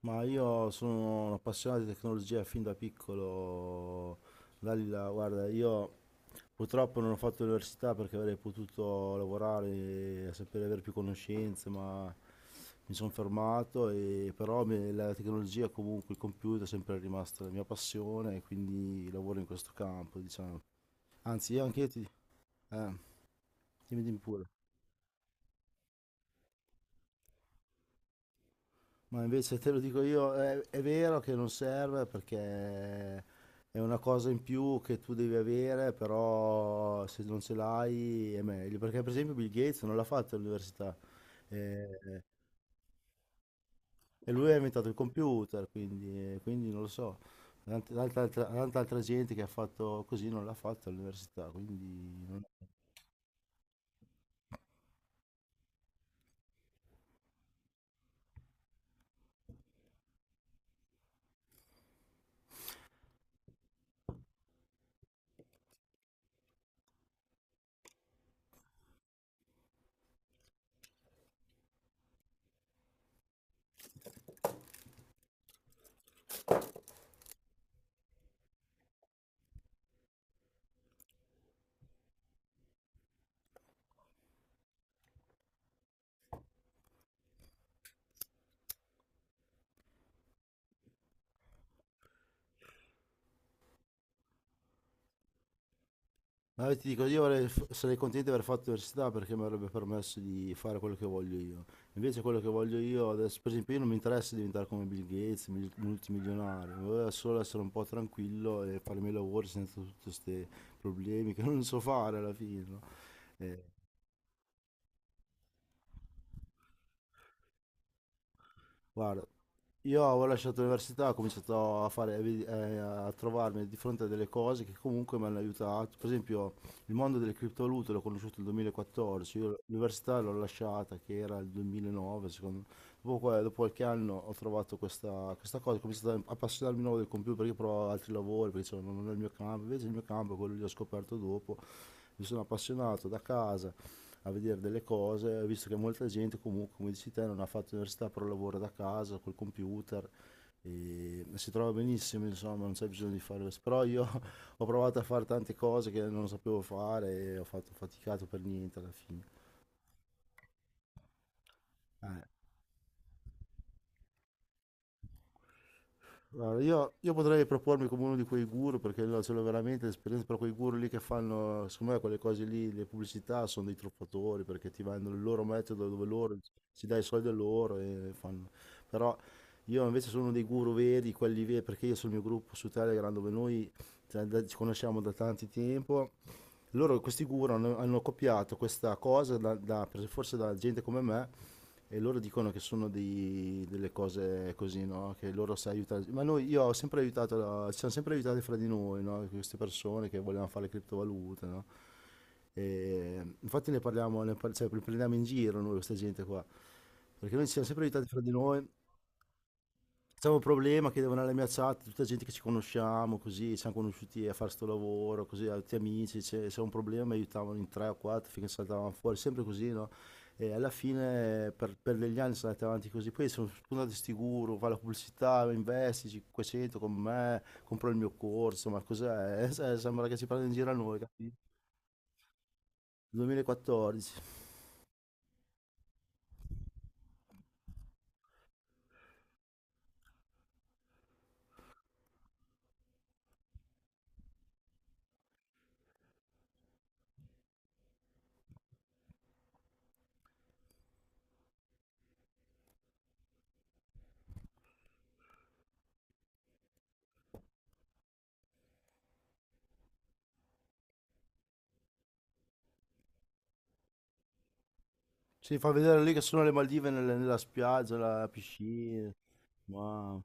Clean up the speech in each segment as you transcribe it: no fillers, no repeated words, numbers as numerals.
Ma io sono un appassionato di tecnologia fin da piccolo. Dalila, guarda, io purtroppo non ho fatto l'università perché avrei potuto lavorare, sapere avere più conoscenze, ma mi sono fermato e però la tecnologia, comunque il computer è sempre rimasta la mia passione e quindi lavoro in questo campo, diciamo. Anzi, io anche io ti... Eh, Dimmi, dimmi pure. Ma invece te lo dico io, è vero che non serve perché è una cosa in più che tu devi avere, però se non ce l'hai è meglio. Perché per esempio Bill Gates non l'ha fatto all'università, eh, e lui ha inventato il computer, quindi non lo so. Tanta altra gente che ha fatto così non l'ha fatto all'università, quindi non... Ma io ti dico, io sarei contento di aver fatto l'università perché mi avrebbe permesso di fare quello che voglio io. Invece quello che voglio io adesso, per esempio, io non mi interessa diventare come Bill Gates, multimilionario, mi voglio solo essere un po' tranquillo e fare i miei lavori senza tutti questi problemi che non so fare alla fine, no? Eh, Guarda, io avevo lasciato l'università, ho cominciato a fare, a trovarmi di fronte a delle cose che comunque mi hanno aiutato. Per esempio, il mondo delle criptovalute l'ho conosciuto nel 2014, io l'università l'ho lasciata, che era il 2009, secondo me. Dopo qualche anno ho trovato questa cosa, ho cominciato a appassionarmi di nuovo del computer perché provavo altri lavori, perché insomma non è il mio campo, invece il mio campo è quello che ho scoperto dopo, mi sono appassionato da casa a vedere delle cose, visto che molta gente comunque, come dici te, non ha fatto università, però lavora da casa col computer e si trova benissimo, insomma, non c'è bisogno di fare questo. Però io ho provato a fare tante cose che non sapevo fare e ho faticato per niente alla fine. Eh, Guarda, io potrei propormi come uno di quei guru perché io ce l'ho veramente esperienza, però quei guru lì che fanno, secondo me quelle cose lì, le pubblicità sono dei truffatori perché ti vendono il loro metodo dove loro si dà i soldi a loro e fanno. Però io invece sono uno dei guru veri, quelli veri, perché io sul mio gruppo su Telegram dove noi, cioè, ci conosciamo da tanti tempo, loro questi guru hanno, hanno copiato questa cosa forse da gente come me e loro dicono che sono delle cose così, no? Che loro si aiutano. Ma noi, io ho sempre aiutato, ci siamo sempre aiutati fra di noi, no? Queste persone che volevano fare le criptovalute, no? E infatti ne parliamo, cioè, li prendiamo in giro noi, questa gente qua, perché noi ci siamo sempre aiutati fra di noi. C'è un problema che devo andare alla mia chat, tutta gente che ci conosciamo, così, siamo conosciuti a fare sto lavoro, così, altri amici, c'è un problema, mi aiutavano in tre o quattro finché saltavano fuori, sempre così, no? E alla fine per degli anni sono andati avanti così, poi sono spuntati sti guru, fa la pubblicità, investi 500 con me, compro il mio corso, ma cos'è? Sembra che ci prendano in giro a noi, capito? 2014. Ci fa vedere lì che sono le Maldive nella spiaggia, la piscina, mamma.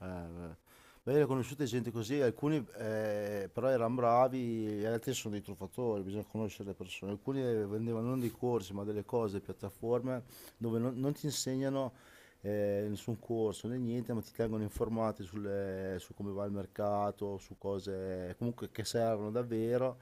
Eh, eh. Beh, io ho conosciute gente così, alcuni però erano bravi, gli altri sono dei truffatori, bisogna conoscere le persone. Alcuni vendevano non dei corsi, ma delle cose, piattaforme dove non ti insegnano, nessun corso né niente, ma ti tengono informati su come va il mercato, su cose comunque che servono davvero.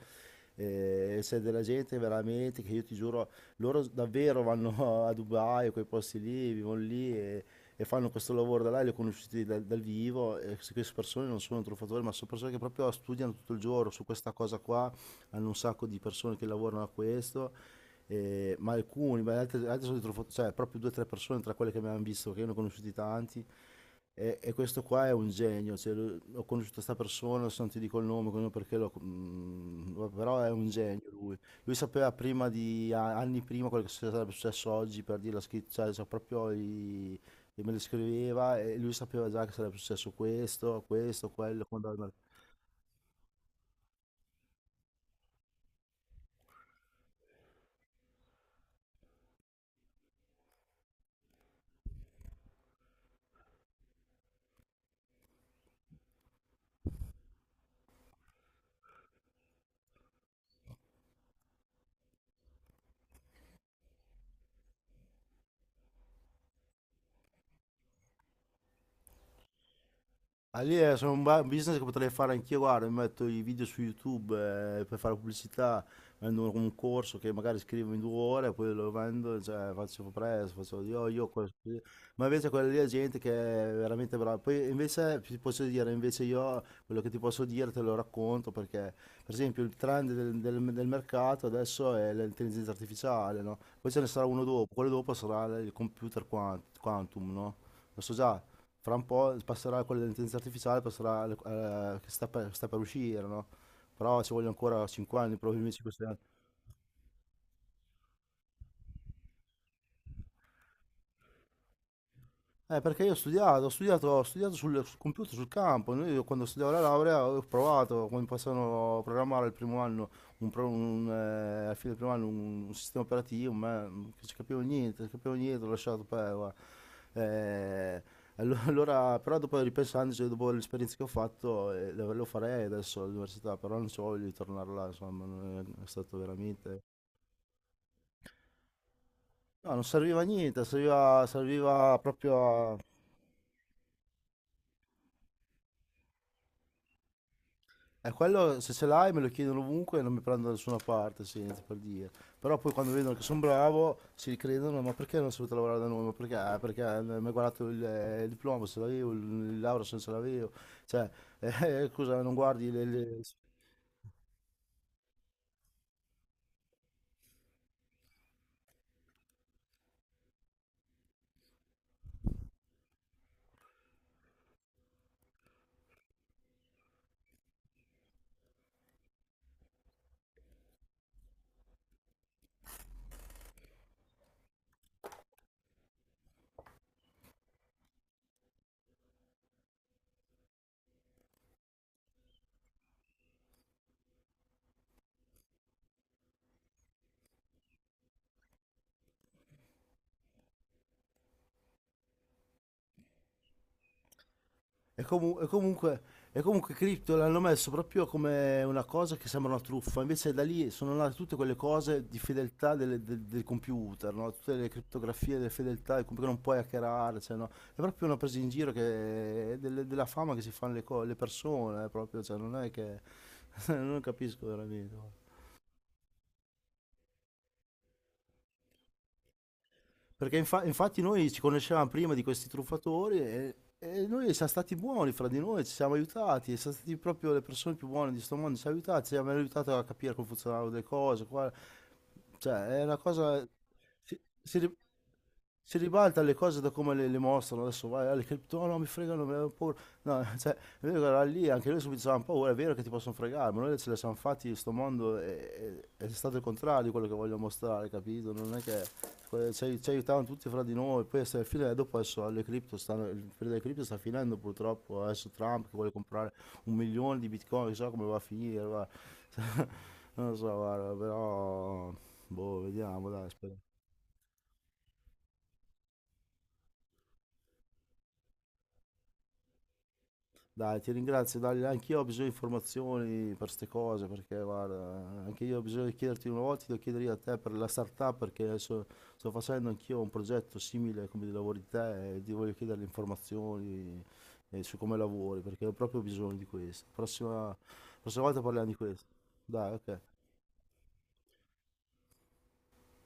E c'è della gente veramente che io ti giuro, loro davvero vanno a Dubai, quei posti lì, vivono lì e fanno questo lavoro da là, li ho conosciuti dal vivo, e queste persone non sono truffatori, ma sono persone che proprio studiano tutto il giorno su questa cosa qua, hanno un sacco di persone che lavorano a questo, e- ma alcuni, ma altri, altri sono dei truffatori, cioè proprio due o tre persone tra quelle che mi hanno visto, che io ne ho conosciuti tanti, e questo qua è un genio, cioè, ho conosciuto questa persona, adesso non ti dico il nome, non perché però è un genio lui. Lui sapeva prima di anni prima quello che sarebbe successo oggi per dire la scritta, cioè, proprio, e me le scriveva e lui sapeva già che sarebbe successo questo, questo, quello, quando andava al mercato. Ali è sono un business che potrei fare anch'io, guarda, mi metto i video su YouTube, per fare pubblicità, vendo un corso che magari scrivo in 2 ore, poi lo vendo, cioè, faccio presto, faccio io, questo, così. Ma invece quella lì è gente che è veramente brava. Poi invece ti posso dire, invece io quello che ti posso dire te lo racconto perché, per esempio, il trend del mercato adesso è l'intelligenza artificiale, no? Poi ce ne sarà uno dopo, quello dopo sarà il computer quantum, no? Lo so già, fra un po' passerà quella dell'intelligenza artificiale, passerà che sta per uscire, no? Però ci vogliono ancora 5 anni, probabilmente 5 anni. Perché io ho studiato, ho studiato, ho studiato sul computer, sul campo. Noi, quando studiavo la laurea ho provato come possono programmare il primo anno, alla fine del primo anno un sistema operativo, ma non ci capivo niente, non capivo niente, ho lasciato per... guarda. Eh, allora, però dopo ripensandoci, dopo l'esperienza che ho fatto, lo farei adesso all'università, però non so, voglio di tornare là, insomma, non è, è stato veramente... No, non serviva a niente, serviva, serviva proprio a... E quello se ce l'hai me lo chiedono ovunque e non mi prendono da nessuna parte, senti, per dire. Però poi quando vedono che sono bravo si ricredono, ma perché non sei venuto a lavorare da noi? Ma perché? "Ah, perché mi hai guardato il diploma se l'avevo, il laurea se non ce l'avevo. Cioè, scusa, non guardi le-". E, comunque, Crypto l'hanno messo proprio come una cosa che sembra una truffa, invece da lì sono nate tutte quelle cose di fedeltà del computer, no? Tutte le criptografie delle fedeltà, il computer non puoi hackerare, cioè, no? È proprio una presa in giro della fama che si fanno le persone, proprio, cioè, non è che... non capisco veramente. Perché infatti noi ci conoscevamo prima di questi truffatori e noi siamo stati buoni fra di noi, ci siamo aiutati, e siamo stati proprio le persone più buone di sto mondo, ci siamo aiutati, ci hanno aiutato a capire come funzionavano le cose, qua- cioè è una cosa... Si, si ribalta le cose da come le mostrano adesso vai alle cripto, no, no mi fregano mi hanno paura no cioè noi eravamo lì anche noi subito avevamo paura è vero che ti possono fregare ma noi ce le siamo fatti sto mondo è stato il contrario di quello che voglio mostrare capito non è che ci aiutavamo tutti fra di noi, poi alla fine dopo adesso alle cripto stanno, il periodo delle cripto sta finendo purtroppo, adesso Trump che vuole comprare un milione di bitcoin, chissà come va a finire, guarda. Non lo so, guarda, però boh, vediamo, dai, spero. Dai, ti ringrazio, Dalila. Anch'io ho bisogno di informazioni per queste cose, perché guarda, anche io ho bisogno di chiederti una volta, ti devo chiedere io a te per la startup, perché adesso sto facendo anch'io un progetto simile come di lavori di te e ti voglio chiedere le informazioni, su come lavori, perché ho proprio bisogno di questo. Prossima volta parliamo di questo. Dai, ok.